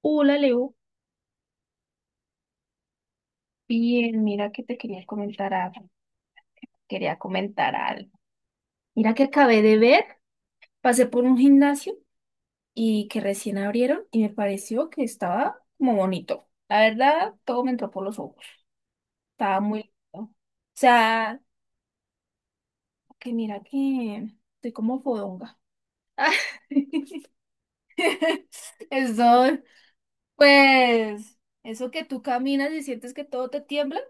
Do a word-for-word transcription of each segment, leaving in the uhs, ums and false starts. Hola, Leo. Bien, mira que te quería comentar algo, quería comentar algo. Mira que acabé de ver, pasé por un gimnasio y que recién abrieron y me pareció que estaba como bonito. La verdad, todo me entró por los ojos, estaba muy lindo. O sea, que mira que estoy como fodonga. Eso, pues, eso que tú caminas y sientes que todo te tiembla.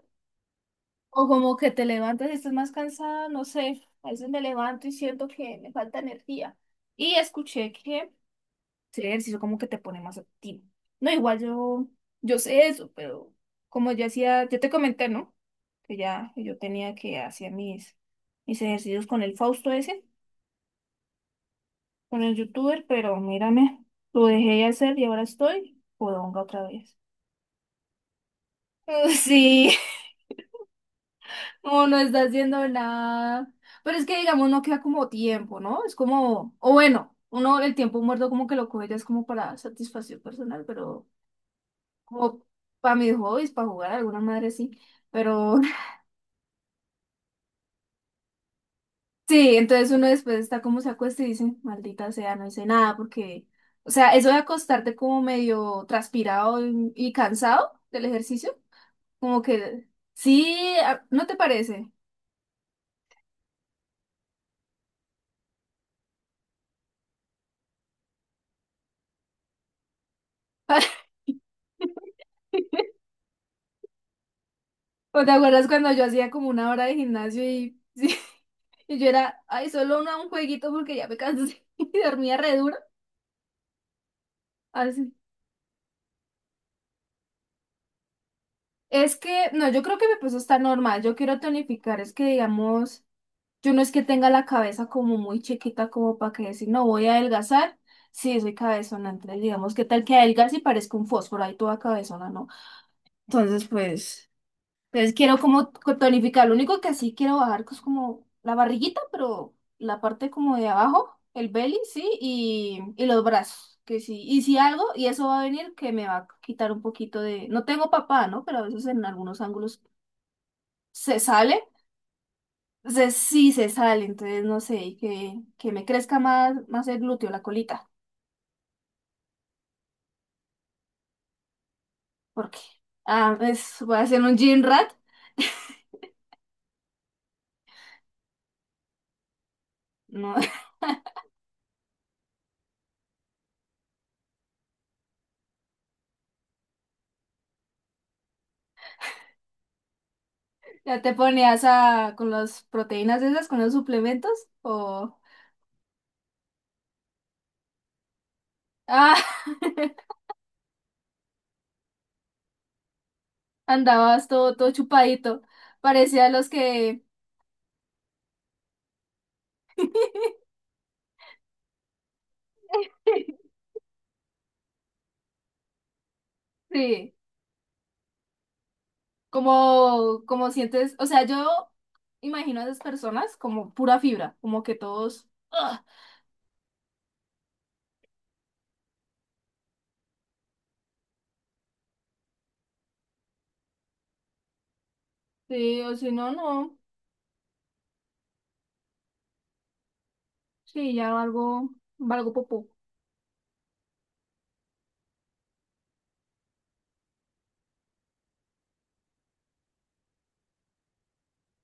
O como que te levantas y estás más cansada, no sé. A veces me levanto y siento que me falta energía. Y escuché que el ejercicio como que te pone más activo. No, igual yo, yo sé eso, pero como ya hacía, yo te comenté, ¿no? Que ya yo tenía que hacer mis, mis ejercicios con el Fausto ese, con el youtuber, pero mírame, lo dejé de hacer y ahora estoy podonga otra vez. Sí. O no está haciendo nada. Pero es que, digamos, no queda como tiempo, ¿no? Es como, o bueno, uno el tiempo muerto como que lo coge ya es como para satisfacción personal, pero como para mis hobbies, para jugar, alguna madre sí. Pero sí, entonces uno después está como se acuesta y dice, maldita sea, no hice nada porque, o sea, eso de acostarte como medio transpirado y, y cansado del ejercicio, como que, sí, a- ¿no te parece? ¿O te acuerdas cuando yo hacía como una hora de gimnasio y, sí, y yo era, ay, solo una, un jueguito porque ya me cansé y dormía re duro? Así. Es que, no, yo creo que mi peso está normal. Yo quiero tonificar, es que digamos, yo no es que tenga la cabeza como muy chiquita como para que decir, no, voy a adelgazar. Sí, soy cabezona, entonces digamos, ¿qué tal que adelgace y parezca un fósforo? Ahí toda cabezona, ¿no? Entonces, pues. Entonces quiero como co- tonificar. Lo único que sí quiero bajar es como la barriguita, pero la parte como de abajo, el belly, sí, y, y los brazos, que sí. Y si algo, y eso va a venir, que me va a quitar un poquito de... No tengo papá, ¿no? Pero a veces en algunos ángulos se sale. Entonces sí se sale, entonces no sé, que, que, me crezca más, más el glúteo, la colita. Porque, ah, es, voy a hacer un gym rat. No, ya te ponías a, con las proteínas esas, con los suplementos, o... Andabas todo, todo chupadito. Parecía los que... Sí, como, como sientes, o sea, yo imagino a esas personas como pura fibra, como que todos, ¡ah! Sí, o si no, no, sí, ya algo, algo popó,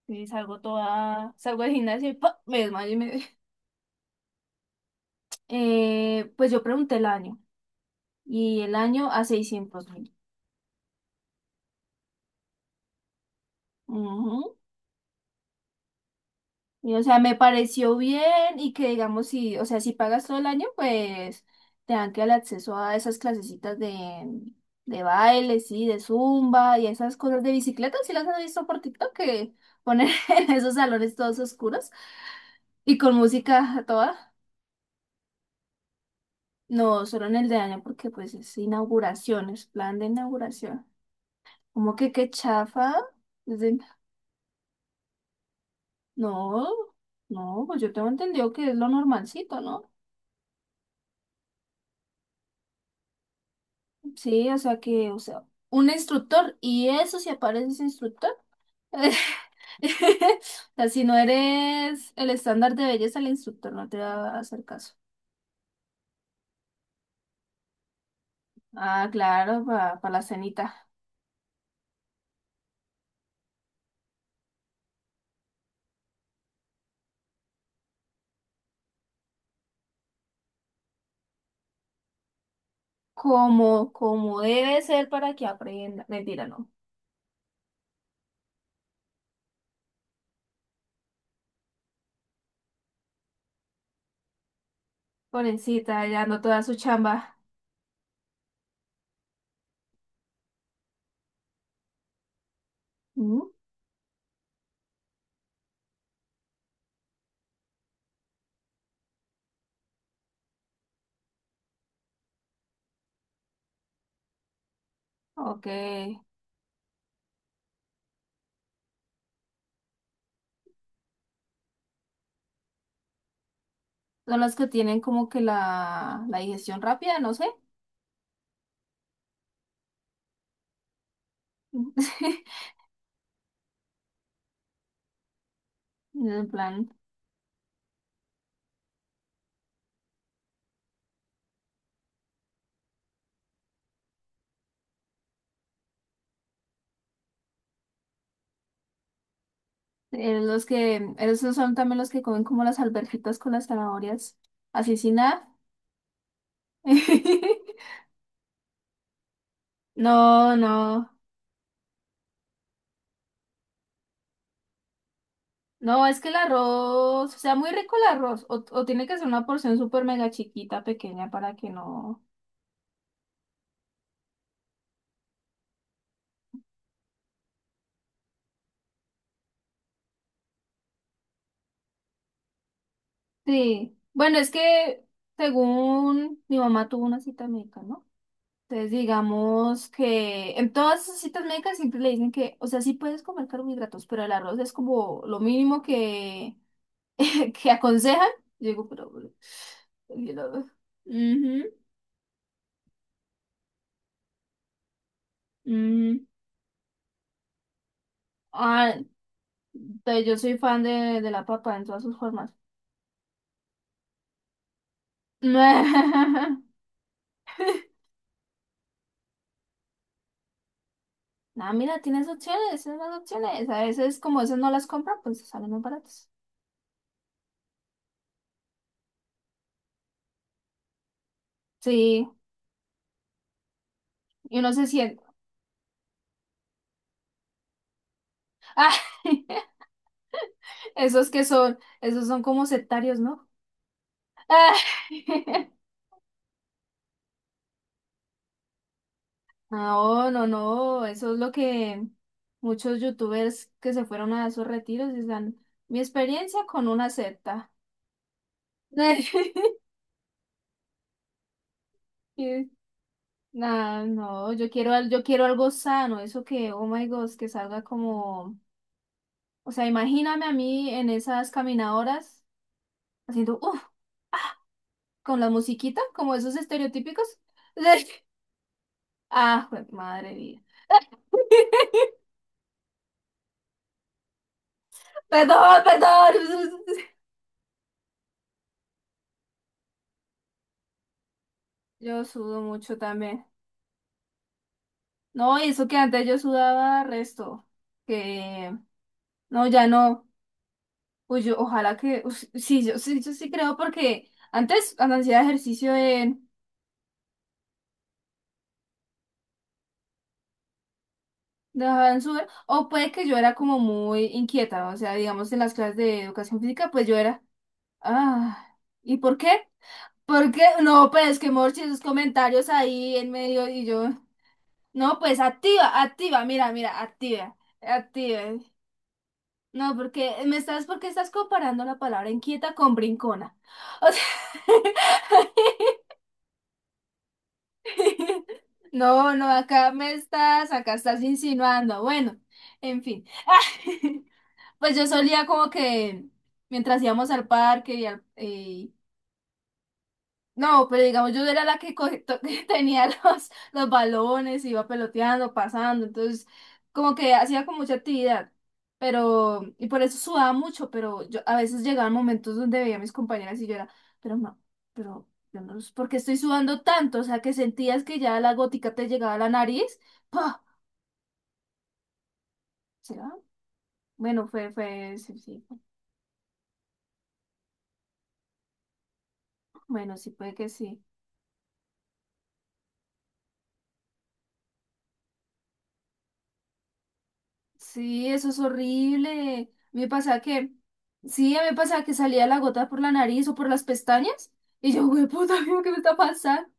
sí, salgo toda, salgo del gimnasio y ¡pa! Me desmayo y me... Eh, pues yo pregunté el año, y el año a seiscientos mil. Y, o sea, me pareció bien y que digamos, si, o sea, si pagas todo el año, pues te dan que el acceso a esas clasecitas de, de baile, sí, de zumba y esas cosas de bicicleta, si las has visto por TikTok, que ponen en esos salones todos oscuros y con música a toda. No, solo en el de año porque pues es inauguración, es plan de inauguración. ¿Cómo que qué chafa? Es de- No, no, pues yo tengo entendido que es lo normalcito, ¿no? Sí, o sea que, o sea, un instructor, y eso si apareces instructor. O sea, si no eres el estándar de belleza, el instructor no te va a hacer caso. Ah, claro, para la cenita. Como, como debe ser para que aprenda. Mentira, no. Pobrecita, ya no toda su chamba. ¿Mm? Ok. Son las que tienen como que la, la digestión rápida, no sé. En plan. Eh, los que, esos son también los que comen como las alberjitas con las zanahorias. Así sin nada. No, no. No, es que el arroz, o sea, muy rico el arroz. O, o tiene que ser una porción súper mega chiquita, pequeña, para que no. Sí. Bueno, es que según mi mamá tuvo una cita médica, ¿no? Entonces, digamos que en todas esas citas médicas siempre le dicen que, o sea, sí puedes comer carbohidratos, pero el arroz es como lo mínimo que que aconsejan. Yo digo, pero... pero, yo lo- Ujú, mm. Ah, entonces yo soy fan de, de, la papa en todas sus formas. Ah, mira, tienes opciones, tienes más opciones. A veces como esas no las compran, pues salen más baratas. Sí, y uno se siente. Ah, esos que son, esos son como sectarios, ¿no? Ah, No, no, no, eso es lo que muchos youtubers que se fueron a esos retiros dicen, mi experiencia con una secta. Y, nah, no, yo quiero, al- yo quiero algo sano, eso que, oh my God, que salga como, o sea, imagíname a mí en esas caminadoras haciendo, uff, con la musiquita, como esos estereotípicos. Ah, jue- madre mía. Perdón, perdón. Yo sudo mucho también. No, y eso que antes yo sudaba resto, que no, ya no. Pues yo, ojalá que, ush, sí, yo sí, yo sí creo porque antes cuando hacía ejercicio en dejaban sudar, o puede que yo era como muy inquieta, o sea, digamos en las clases de educación física, pues yo era, ah, ¿y por qué? ¿Por qué? No, pues es que Morchi, esos comentarios ahí en medio y yo, no, pues activa, activa, mira, mira, activa, activa. No, porque me estás, porque estás comparando la palabra inquieta con brincona. O sea, no, no, acá me estás, acá estás insinuando. Bueno, en fin. Pues yo solía como que mientras íbamos al parque y, al- eh, No, pero digamos, yo era la que, co- to- que tenía los, los balones, iba peloteando, pasando, entonces como que hacía con mucha actividad, pero, y por eso sudaba mucho, pero yo a veces llegaban momentos donde veía a mis compañeras y yo era, pero no, pero yo no, ¿por qué estoy sudando tanto? O sea, que sentías que ya la gótica te llegaba a la nariz, ¡pah! ¿Será? Bueno, fue, fue, sí, sí, bueno, sí puede que sí. Sí, eso es horrible. Me pasa que, sí, a mí me pasa que salía la gota por la nariz o por las pestañas. Y yo, güey, puta, ¿qué me está pasando?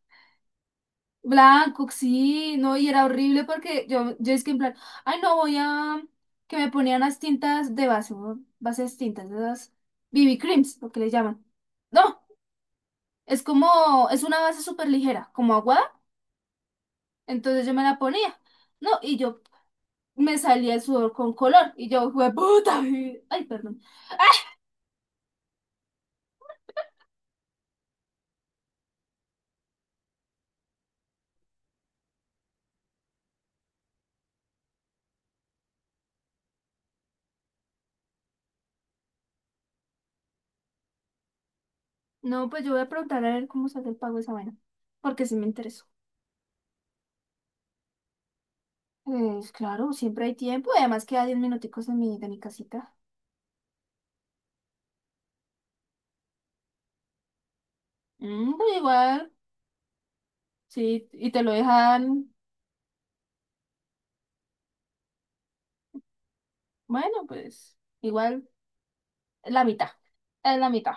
Blanco, sí, no, y era horrible porque yo, yo, es que en plan, ay, no, voy a, que me ponían las tintas de base, ¿no? Bases tintas, esas B B creams, lo que le llaman. No, es como, es una base súper ligera, como aguada, entonces yo me la ponía, no, y yo me salía el sudor con color, y yo, güey, puta, ay, perdón. No, pues yo voy a preguntar a ver cómo sale el pago de esa vaina, porque sí me interesó. Pues claro, siempre hay tiempo y además queda diez minuticos de mi, de mi, casita. Mm, pues igual, sí, y te lo dejan, bueno, pues igual la mitad, es la mitad.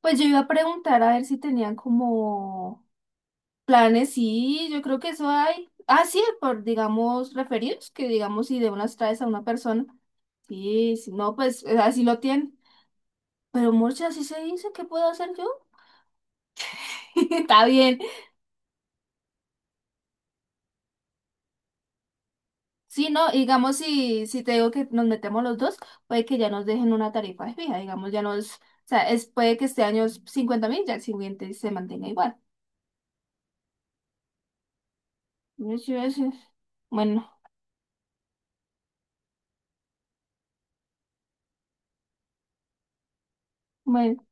Pues yo iba a preguntar a ver si tenían como planes, sí, yo creo que eso hay. Ah, sí, por, digamos, referidos, que digamos si de unas traes a una persona, sí, si no, pues eh, así lo tienen. Pero muchas así se dice, ¿qué puedo hacer yo? Está bien. Sí, no, digamos, si, si, te digo que nos metemos los dos, puede que ya nos dejen una tarifa fija, digamos, ya nos, o sea, es, puede que este año es cincuenta mil, ya el siguiente se mantenga igual. Sí, sí, sí. Bueno, bueno,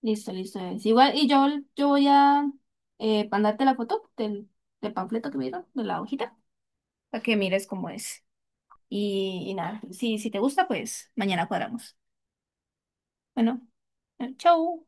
listo, listo. Es igual, y yo, yo voy a eh, mandarte la foto del, del, panfleto que me dieron, de la hojita, para que mires cómo es. Y, y nada, si, si, te gusta, pues mañana cuadramos. Bueno, eh, chau.